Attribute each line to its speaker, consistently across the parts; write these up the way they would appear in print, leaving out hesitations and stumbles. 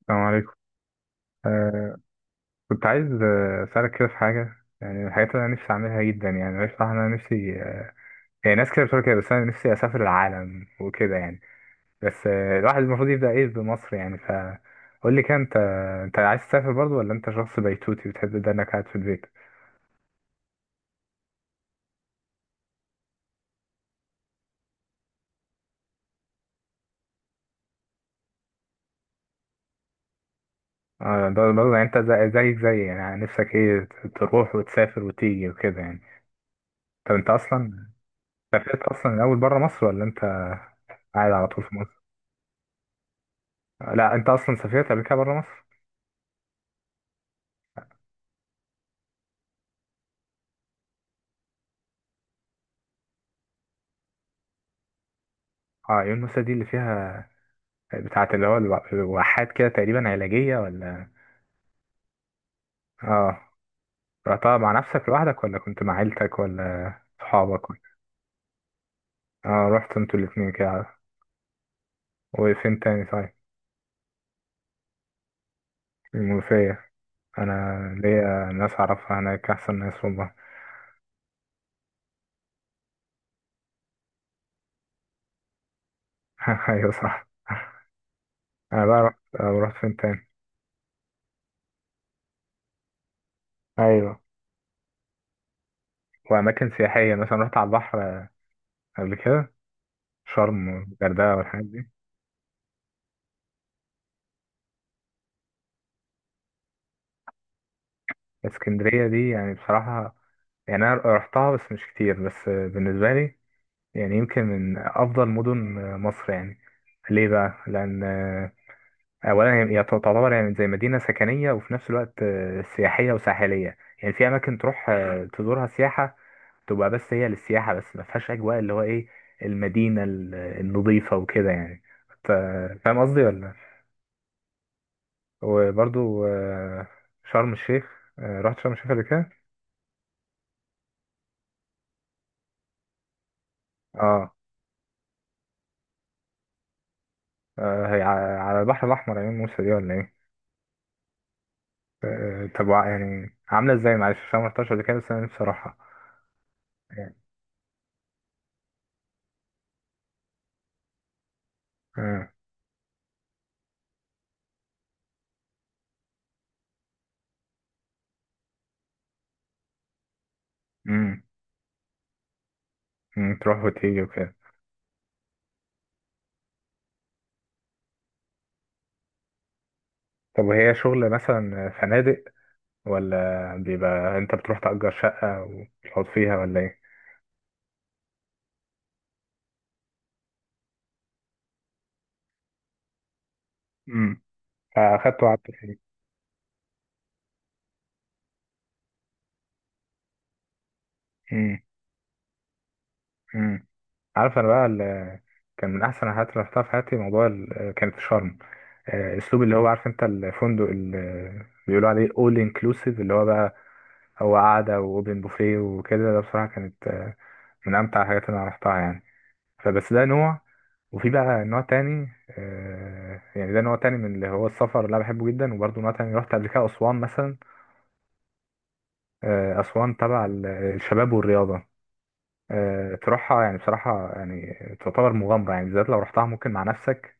Speaker 1: السلام عليكم. آه كنت عايز، أسألك كده في حاجة، يعني من الحاجات اللي أنا نفسي أعملها جدا. يعني أنا بصراحة أنا نفسي، يعني ناس كده بتقول كده، بس أنا نفسي أسافر العالم وكده يعني. بس الواحد المفروض يبدأ إيه بمصر، يعني فقول لي كده، أنت عايز تسافر برضه، ولا أنت شخص بيتوتي بتحب ده إنك قاعد في البيت؟ آه، برضه برضه، يعني أنت زيك زي يعني، نفسك إيه تروح وتسافر وتيجي وكده يعني. طب أنت أصلا سافرت أصلا الأول بره مصر، ولا أنت قاعد على طول في مصر؟ لا أنت أصلا سافرت قبل كده بره مصر؟ اه، عيون موسى دي اللي فيها بتاعة اللي هو الواحات كده تقريبا، علاجية ولا؟ اه، رحتها مع نفسك لوحدك، ولا كنت مع عيلتك، ولا صحابك ولا؟ اه رحت انتوا الاتنين كده. وفين تاني طيب؟ المنوفية، انا ليا ناس اعرفها هناك، احسن ناس والله. ايوه صح. انا بقى رحت، رحت فين تاني؟ ايوه، واماكن سياحية مثلا رحت على البحر، قبل كده، شرم والغردقة والحاجات دي. اسكندرية دي يعني بصراحة، يعني انا رحتها بس مش كتير، بس بالنسبه لي يعني يمكن من أفضل مدن مصر يعني. ليه بقى؟ لأن، أولا هي تعتبر يعني زي مدينة سكنية، وفي نفس الوقت سياحية وساحلية، يعني في أماكن تروح تزورها سياحة، تبقى بس هي للسياحة بس، ما فيهاش أجواء اللي هو إيه، المدينة النظيفة وكده يعني. ف- فاهم قصدي ولا؟ وبرضو، شرم الشيخ، رحت شرم الشيخ قبل كده؟ اه. هي على البحر الأحمر عيون موسى دي، ولا إيه؟ طب يعني عاملة ازاي؟ معلش عشان ما رحتهاش قبل كده، بس انا نفسي اروحها يعني. آه، مم، مم، تروح وتيجي وكده. طب وهي شغل مثلا فنادق، ولا بيبقى انت بتروح تأجر شقة وتقعد فيها، ولا ايه؟ مم. فأخدت وقعدت فيه. مم، مم. عارف انا بقى كان من احسن الحاجات اللي رحتها في حياتي موضوع كانت شرم، اسلوب اللي هو عارف انت، الفندق اللي بيقولوا عليه all inclusive، اللي هو بقى هو قعدة واوبن بوفيه وكده، ده بصراحة كانت من امتع الحاجات اللي انا رحتها يعني. فبس ده نوع. وفي بقى نوع تاني، يعني ده نوع تاني من اللي هو السفر اللي انا بحبه جدا. وبرضه نوع تاني رحت قبل كده اسوان مثلا. اسوان تبع الشباب والرياضة. تروحها يعني بصراحة يعني تعتبر مغامرة، يعني بالذات لو رحتها ممكن مع نفسك،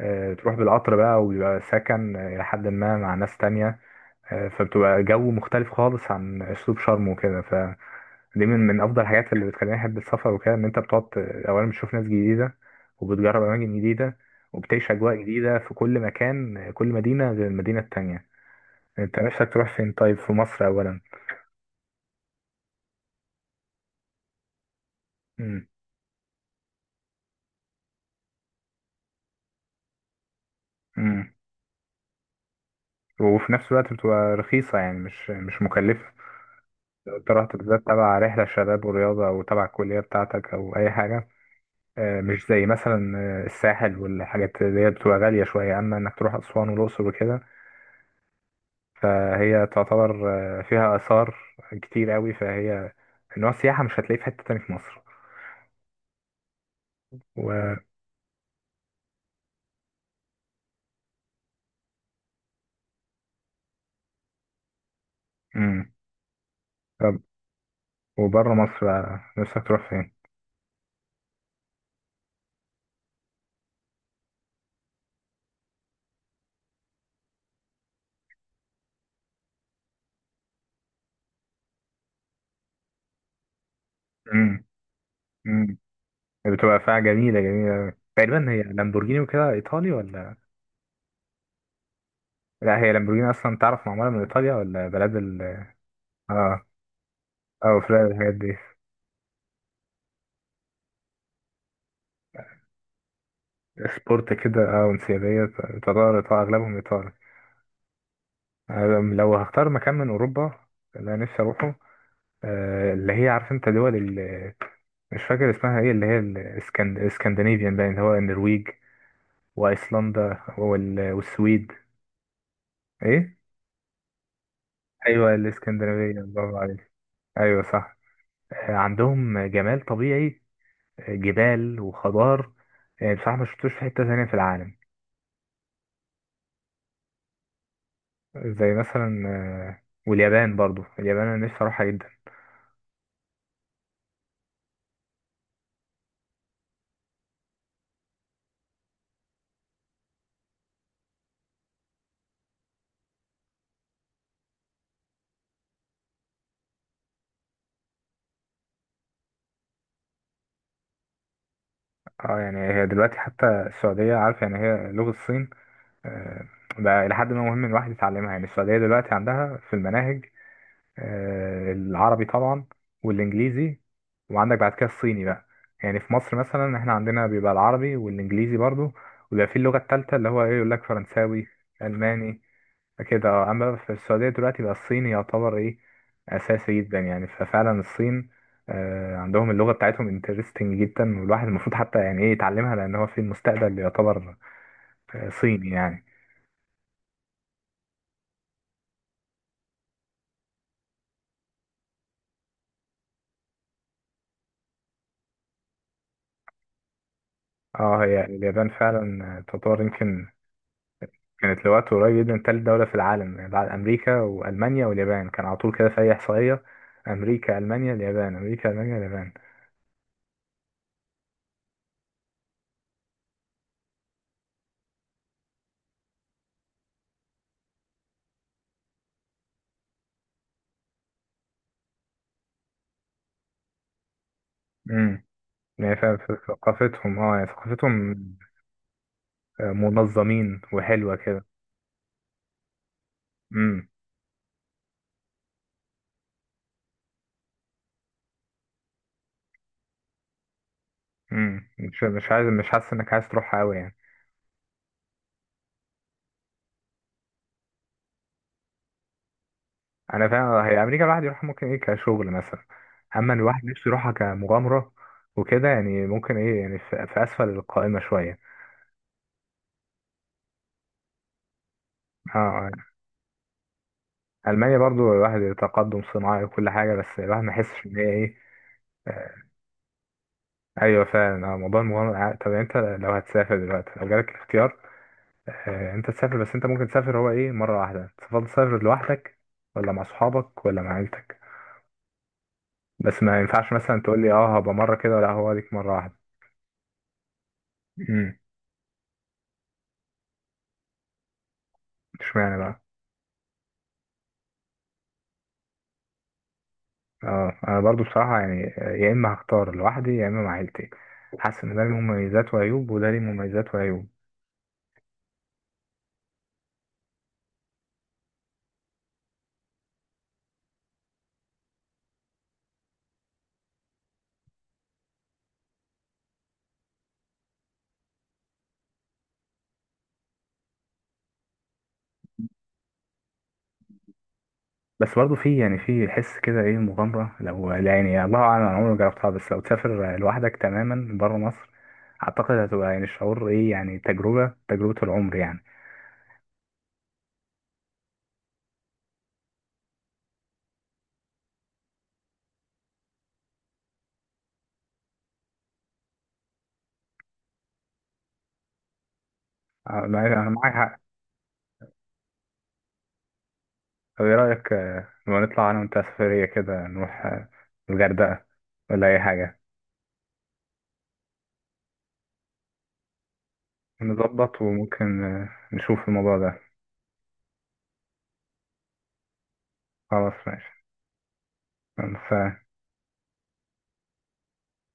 Speaker 1: تروح بالقطر بقى، وبيبقى سكن إلى حد ما مع ناس تانية. فبتبقى جو مختلف خالص عن أسلوب شرم وكده. فدي من أفضل الحاجات اللي بتخليني أحب السفر وكده، إن أنت بتقعد أولا بتشوف ناس جديدة، وبتجرب أماكن جديدة، وبتعيش أجواء جديدة في كل مكان. كل مدينة غير المدينة التانية. أنت نفسك تروح فين طيب، في مصر أولا؟ مم. مم. وفي نفس الوقت بتبقى رخيصة يعني، مش مكلفة. لو انت رحت بالذات تبع رحلة شباب ورياضة، أو تبع الكلية بتاعتك، أو أي حاجة، مش زي مثلا الساحل والحاجات اللي هي بتبقى غالية شوية، أما إنك تروح أسوان والأقصر وكده. فهي تعتبر فيها آثار كتير قوي، فهي نوع السياحة مش هتلاقيه في حتة تاني في مصر. و... مم. طب وبره مصر بقى نفسك تروح فين؟ مم. مم. بتبقى فيها جميلة جميلة، تقريبا هي لامبورجيني وكده، إيطالي ولا؟ لا هي لامبورجيني أصلا تعرف معمولة من إيطاليا، ولا بلاد ال... آه، او فلان الحاجات دي، سبورت كده او انسيابية، ايطالي ايطالي، اغلبهم ايطالي. أنا لو هختار مكان من اوروبا اللي انا نفسي اروحه، اللي هي عارف انت دول مش فاكر اسمها ايه، اللي هي الاسكندنافيان باين، اللي هو النرويج وايسلندا والسويد. ايه ايوه، الاسكندنافيه، برافو عليك، ايوه صح. عندهم جمال طبيعي، جبال وخضار، بصراحه ما شفتوش في حته ثانيه في العالم. زي مثلا واليابان، برضو اليابان انا نفسي اروحها جدا. اه يعني هي دلوقتي حتى السعودية عارف، يعني هي لغة الصين، آه، بقى إلى حد ما مهم الواحد يتعلمها. يعني السعودية دلوقتي عندها في المناهج، العربي طبعا والانجليزي، وعندك بعد كده الصيني بقى. يعني في مصر مثلا احنا عندنا بيبقى العربي والانجليزي برضو، وبيبقى في اللغة التالتة، اللي هو ايه، يقول لك فرنساوي، الماني كده. اما في السعودية دلوقتي بقى الصيني يعتبر ايه، اساسي جدا يعني. ففعلا الصين عندهم اللغة بتاعتهم انترستنج جدا، والواحد المفروض حتى يعني ايه يتعلمها، لان هو في المستقبل يعتبر صيني يعني. اه هي اليابان فعلا تعتبر يمكن كانت لوقت قريب جدا تالت دولة في العالم. يعني بعد أمريكا وألمانيا واليابان كان على طول كده في أي إحصائية، أمريكا ألمانيا اليابان، أمريكا ألمانيا اليابان. امم. يعني ثقافتهم اه يعني ثقافتهم منظمين وحلوة كده. امم. امم، مش عايز، مش حاسس إنك عايز تروحها أوي يعني؟ أنا فاهم، هي أمريكا الواحد يروحها ممكن إيه كشغل مثلا، أما الواحد نفسه يروحها كمغامرة وكده يعني، ممكن إيه يعني في أسفل القائمة شوية. اه آه. ألمانيا برضو الواحد، تقدم صناعي وكل حاجة، بس الواحد ما يحسش إن هي إيه. آه، أيوة فعلا، موضوع المغامرة طب يعني أنت لو هتسافر دلوقتي، لو جالك الاختيار، أنت تسافر بس، أنت ممكن تسافر هو إيه مرة واحدة، تفضل تسافر لوحدك، ولا مع أصحابك، ولا مع عيلتك؟ بس ما ينفعش مثلا تقول لي أه، هبقى مرة كده، ولا هو ليك مرة واحدة. أمم. إشمعنى بقى؟ أه، أنا برضو بصراحة يعني يا إما هختار لوحدي، يا إما مع عيلتي. حاسس إن ده ليه مميزات وعيوب، وده ليه مميزات وعيوب. بس برضه في يعني في حس كده ايه مغامرة، لو يعني الله اعلم، انا عمري ما جربتها، بس لو تسافر لوحدك تماما بره مصر، اعتقد هتبقى يعني شعور ايه، يعني تجربة، تجربة العمر يعني. انا معاك حق. طب ايه رأيك لما نطلع انا وانت سفرية كده، نروح الغردقة، ولا اي حاجة. نظبط، وممكن نشوف الموضوع ده. خلاص ماشي. بس